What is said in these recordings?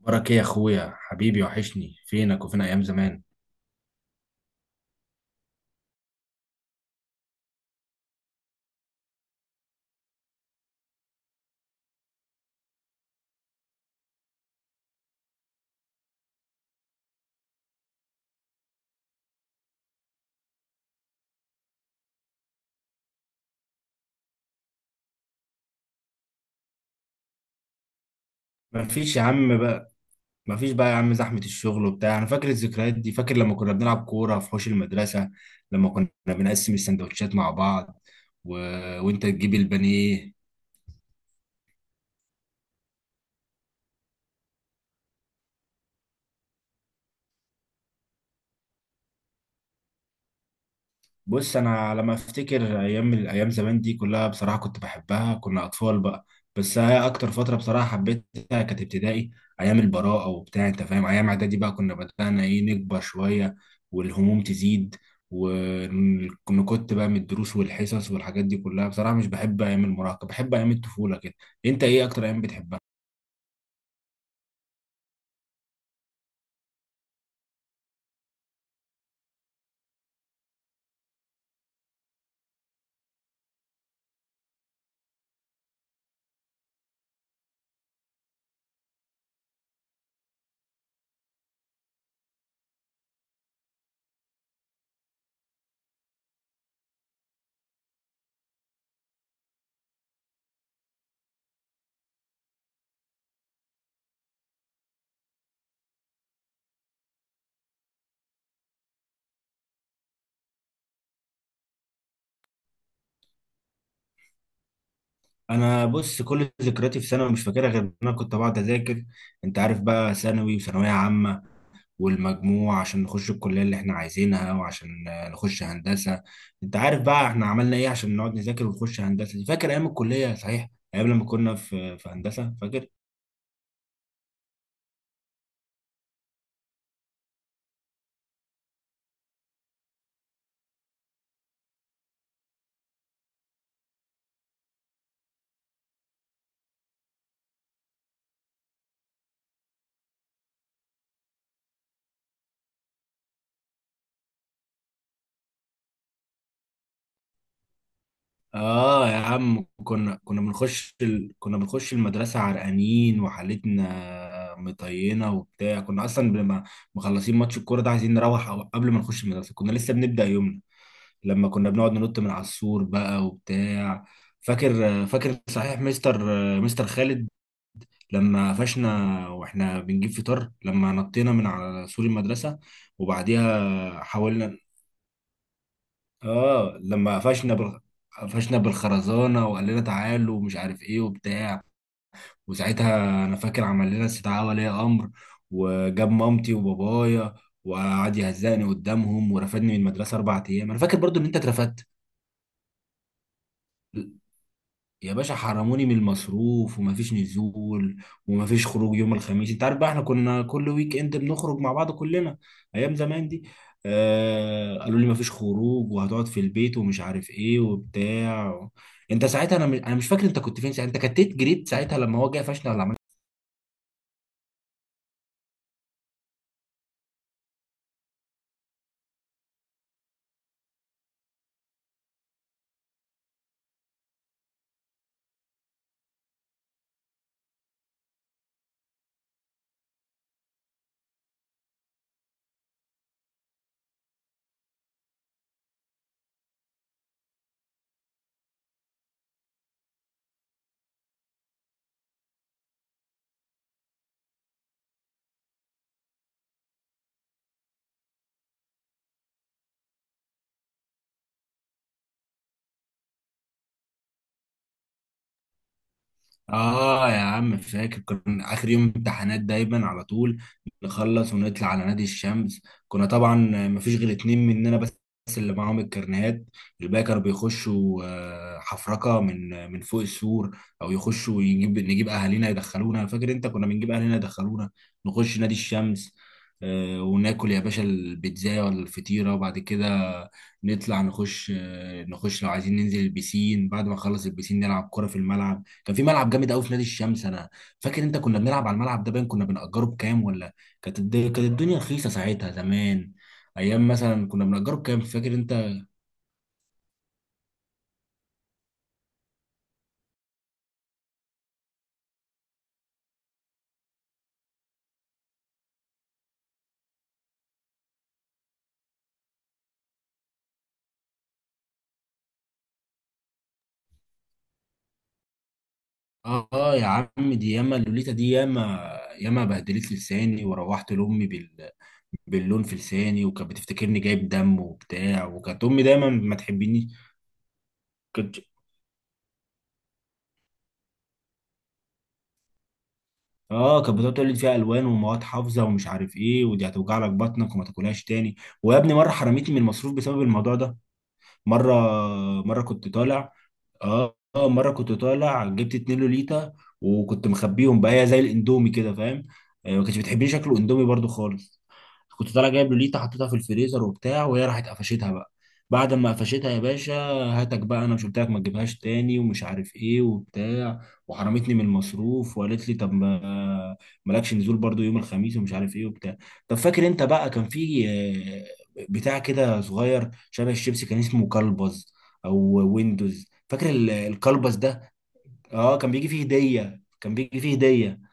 بركة يا اخويا حبيبي، وحشني فينك وفين ايام زمان. مفيش يا عم بقى، مفيش بقى يا عم. زحمة الشغل وبتاع. انا فاكر الذكريات دي، فاكر لما كنا بنلعب كورة في حوش المدرسة، لما كنا بنقسم السندوتشات مع بعض و... وانت تجيب البانيه. بص، انا لما افتكر ايام الايام زمان دي كلها بصراحه كنت بحبها، كنا اطفال بقى. بس هي اكتر فتره بصراحه حبيتها كانت ابتدائي، ايام البراءه وبتاع، انت فاهم. ايام اعدادي بقى كنا بدانا ايه، نكبر شويه والهموم تزيد، وكنت بقى من الدروس والحصص والحاجات دي كلها بصراحه مش بحب ايام المراهقه، بحب ايام الطفوله كده. انت ايه اكتر ايام بتحبها؟ انا بص، كل ذكرياتي في ثانوي مش فاكرها غير ان انا كنت بقعد اذاكر، انت عارف بقى، ثانوي وثانويه عامه والمجموع عشان نخش الكلية اللي احنا عايزينها، وعشان نخش هندسة. انت عارف بقى احنا عملنا ايه عشان نقعد نذاكر ونخش هندسة دي. فاكر ايام الكلية صحيح، ايام لما كنا في هندسة، فاكر؟ اه يا عم، كنا كنا بنخش المدرسة عرقانين وحالتنا مطينة وبتاع. كنا اصلا بنبقى مخلصين ماتش الكورة، ده عايزين نروح قبل ما نخش المدرسة كنا لسه بنبدأ يومنا، لما كنا بنقعد ننط من على السور بقى وبتاع. فاكر؟ صحيح مستر خالد لما قفشنا واحنا بنجيب فطار لما نطينا من على سور المدرسة، وبعديها حاولنا. اه لما قفشنا بالخرزانة وقال لنا تعالوا ومش عارف ايه وبتاع. وساعتها انا فاكر عمل لنا استدعاء ولي امر وجاب مامتي وبابايا وقعد يهزقني قدامهم ورفدني من المدرسة اربع ايام. انا فاكر برضو ان انت اترفدت. يا باشا، حرموني من المصروف ومفيش نزول ومفيش خروج يوم الخميس، انت عارف بقى احنا كنا كل ويك اند بنخرج مع بعض كلنا ايام زمان دي. آه، قالوا لي مفيش خروج وهتقعد في البيت ومش عارف ايه وبتاع. انت ساعتها، انا مش فاكر انت كنت فين ساعتها، انت كتت جريت ساعتها لما هو جه قفشنا ولا؟ آه يا عم، فاكر كنا آخر يوم امتحانات دايما على طول نخلص ونطلع على نادي الشمس. كنا طبعا مفيش غير اتنين مننا بس اللي معاهم الكارنيهات، الباقي كانوا بيخشوا حفركة من فوق السور، أو يخشوا نجيب أهالينا يدخلونا. فاكر أنت كنا بنجيب أهالينا يدخلونا نخش نادي الشمس، وناكل يا باشا البيتزا ولا الفطيرة، وبعد كده نطلع نخش لو عايزين ننزل البسين، بعد ما نخلص البسين نلعب كرة في الملعب. كان في ملعب جامد قوي في نادي الشمس. انا فاكر انت كنا بنلعب على الملعب ده، باين كنا بنأجره بكام ولا؟ كانت الدنيا رخيصه ساعتها زمان. ايام مثلا كنا بنأجره بكام، فاكر انت؟ اه آه يا عم، دي ياما اللوليتا دي ياما، ياما بهدلت لساني وروحت لامي باللون في لساني، وكانت بتفتكرني جايب دم وبتاع، وكانت امي دايما ما تحبنيش. كنت اه كانت بتقعد تقول لي فيها الوان ومواد حافظه ومش عارف ايه، ودي هتوجع لك بطنك وما تاكلهاش تاني. ويا ابني، مره حرمتني من المصروف بسبب الموضوع ده. مره مره كنت طالع مره كنت طالع جبت 2 لوليتا وكنت مخبيهم بقى زي الاندومي كده، فاهم؟ ما كانتش بتحبني شكل الاندومي برضو خالص. كنت طالع جايب لوليتا حطيتها في الفريزر وبتاع، وهي راحت قفشتها بقى. بعد ما قفشتها يا باشا، هاتك بقى، انا مش قلت لك ما تجيبهاش تاني ومش عارف ايه وبتاع، وحرمتني من المصروف وقالت لي طب ما مالكش نزول برضو يوم الخميس ومش عارف ايه وبتاع. طب فاكر انت بقى كان في بتاع كده صغير شبه الشيبسي كان اسمه كلبز او ويندوز، فاكر الكلبز ده؟ اه كان بيجي فيه هدية، كان بيجي فيه هدية.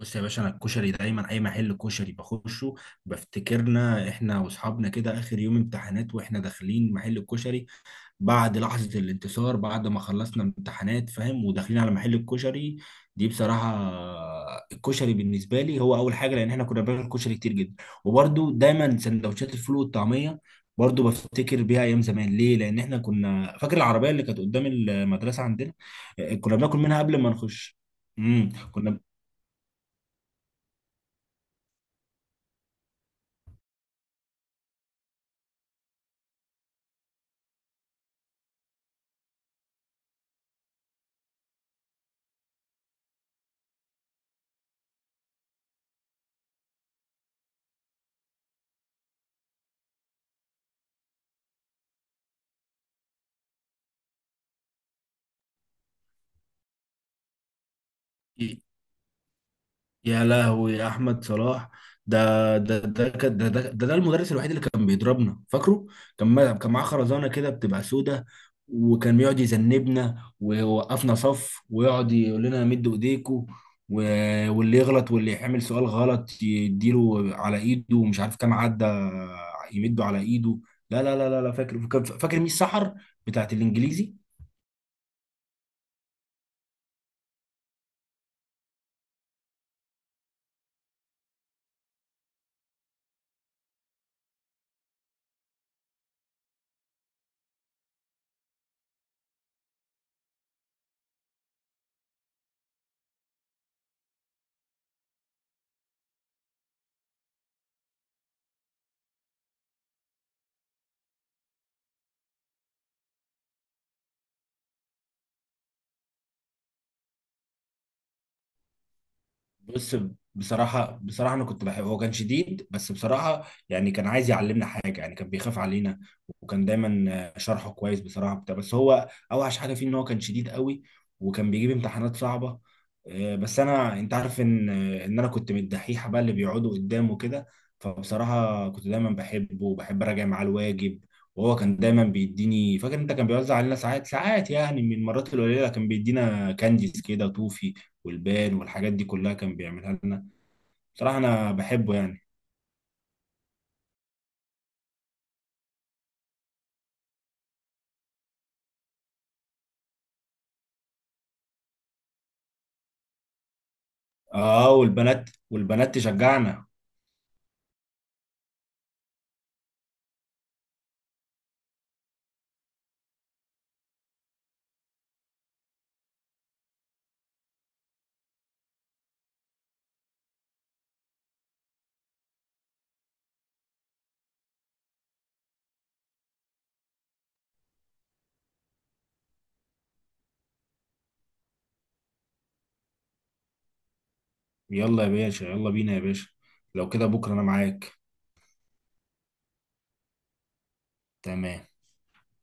بص يا باشا، انا الكشري دايما اي محل كشري بخشه بفتكرنا احنا واصحابنا كده اخر يوم امتحانات واحنا داخلين محل الكشري، بعد لحظة الانتصار بعد ما خلصنا امتحانات فاهم، وداخلين على محل الكشري دي بصراحة. الكشري بالنسبة لي هو اول حاجة، لان احنا كنا بناكل كشري كتير جدا. وبرده دايما سندوتشات الفول والطعمية برضه بفتكر بيها ايام زمان، ليه؟ لان احنا كنا فاكر العربية اللي كانت قدام المدرسة عندنا، كنا بناكل منها قبل ما نخش. امم، كنا يا لهوي يا احمد صلاح. ده ده ده كان- ده ده, ده, ده المدرس الوحيد اللي كان بيضربنا، فاكره؟ كان ما- كان معاه خرزانه كده بتبقى سودة، وكان يقعد يذنبنا ويوقفنا صف ويقعد يقول لنا مدوا ايديكم واللي يغلط واللي يعمل سؤال غلط يديله على ايده ومش عارف كام عدى، يمده على ايده. لا، فاكر ميس سحر بتاعت الانجليزي. بص، بصراحة أنا كنت بحبه، هو كان شديد بس بصراحة يعني كان عايز يعلمنا حاجة، يعني كان بيخاف علينا، وكان دايما شرحه كويس بصراحة بتاع بس هو أوحش حاجة فيه إن هو كان شديد قوي وكان بيجيب امتحانات صعبة. بس أنا، أنت عارف إن أنا كنت من الدحيحة بقى اللي بيقعدوا قدامه كده، فبصراحة كنت دايما بحبه وبحب أراجع معاه الواجب. وهو كان دايما بيديني، فاكر انت كان بيوزع علينا ساعات يعني، من المرات القليله كان بيدينا كانديز كده، توفي والبان والحاجات دي كلها كان بيعملها لنا. بصراحة أنا بحبه يعني. آه، والبنات، والبنات تشجعنا. يلا يا باشا، يلا بينا يا باشا، لو كده بكرة أنا معاك. تمام.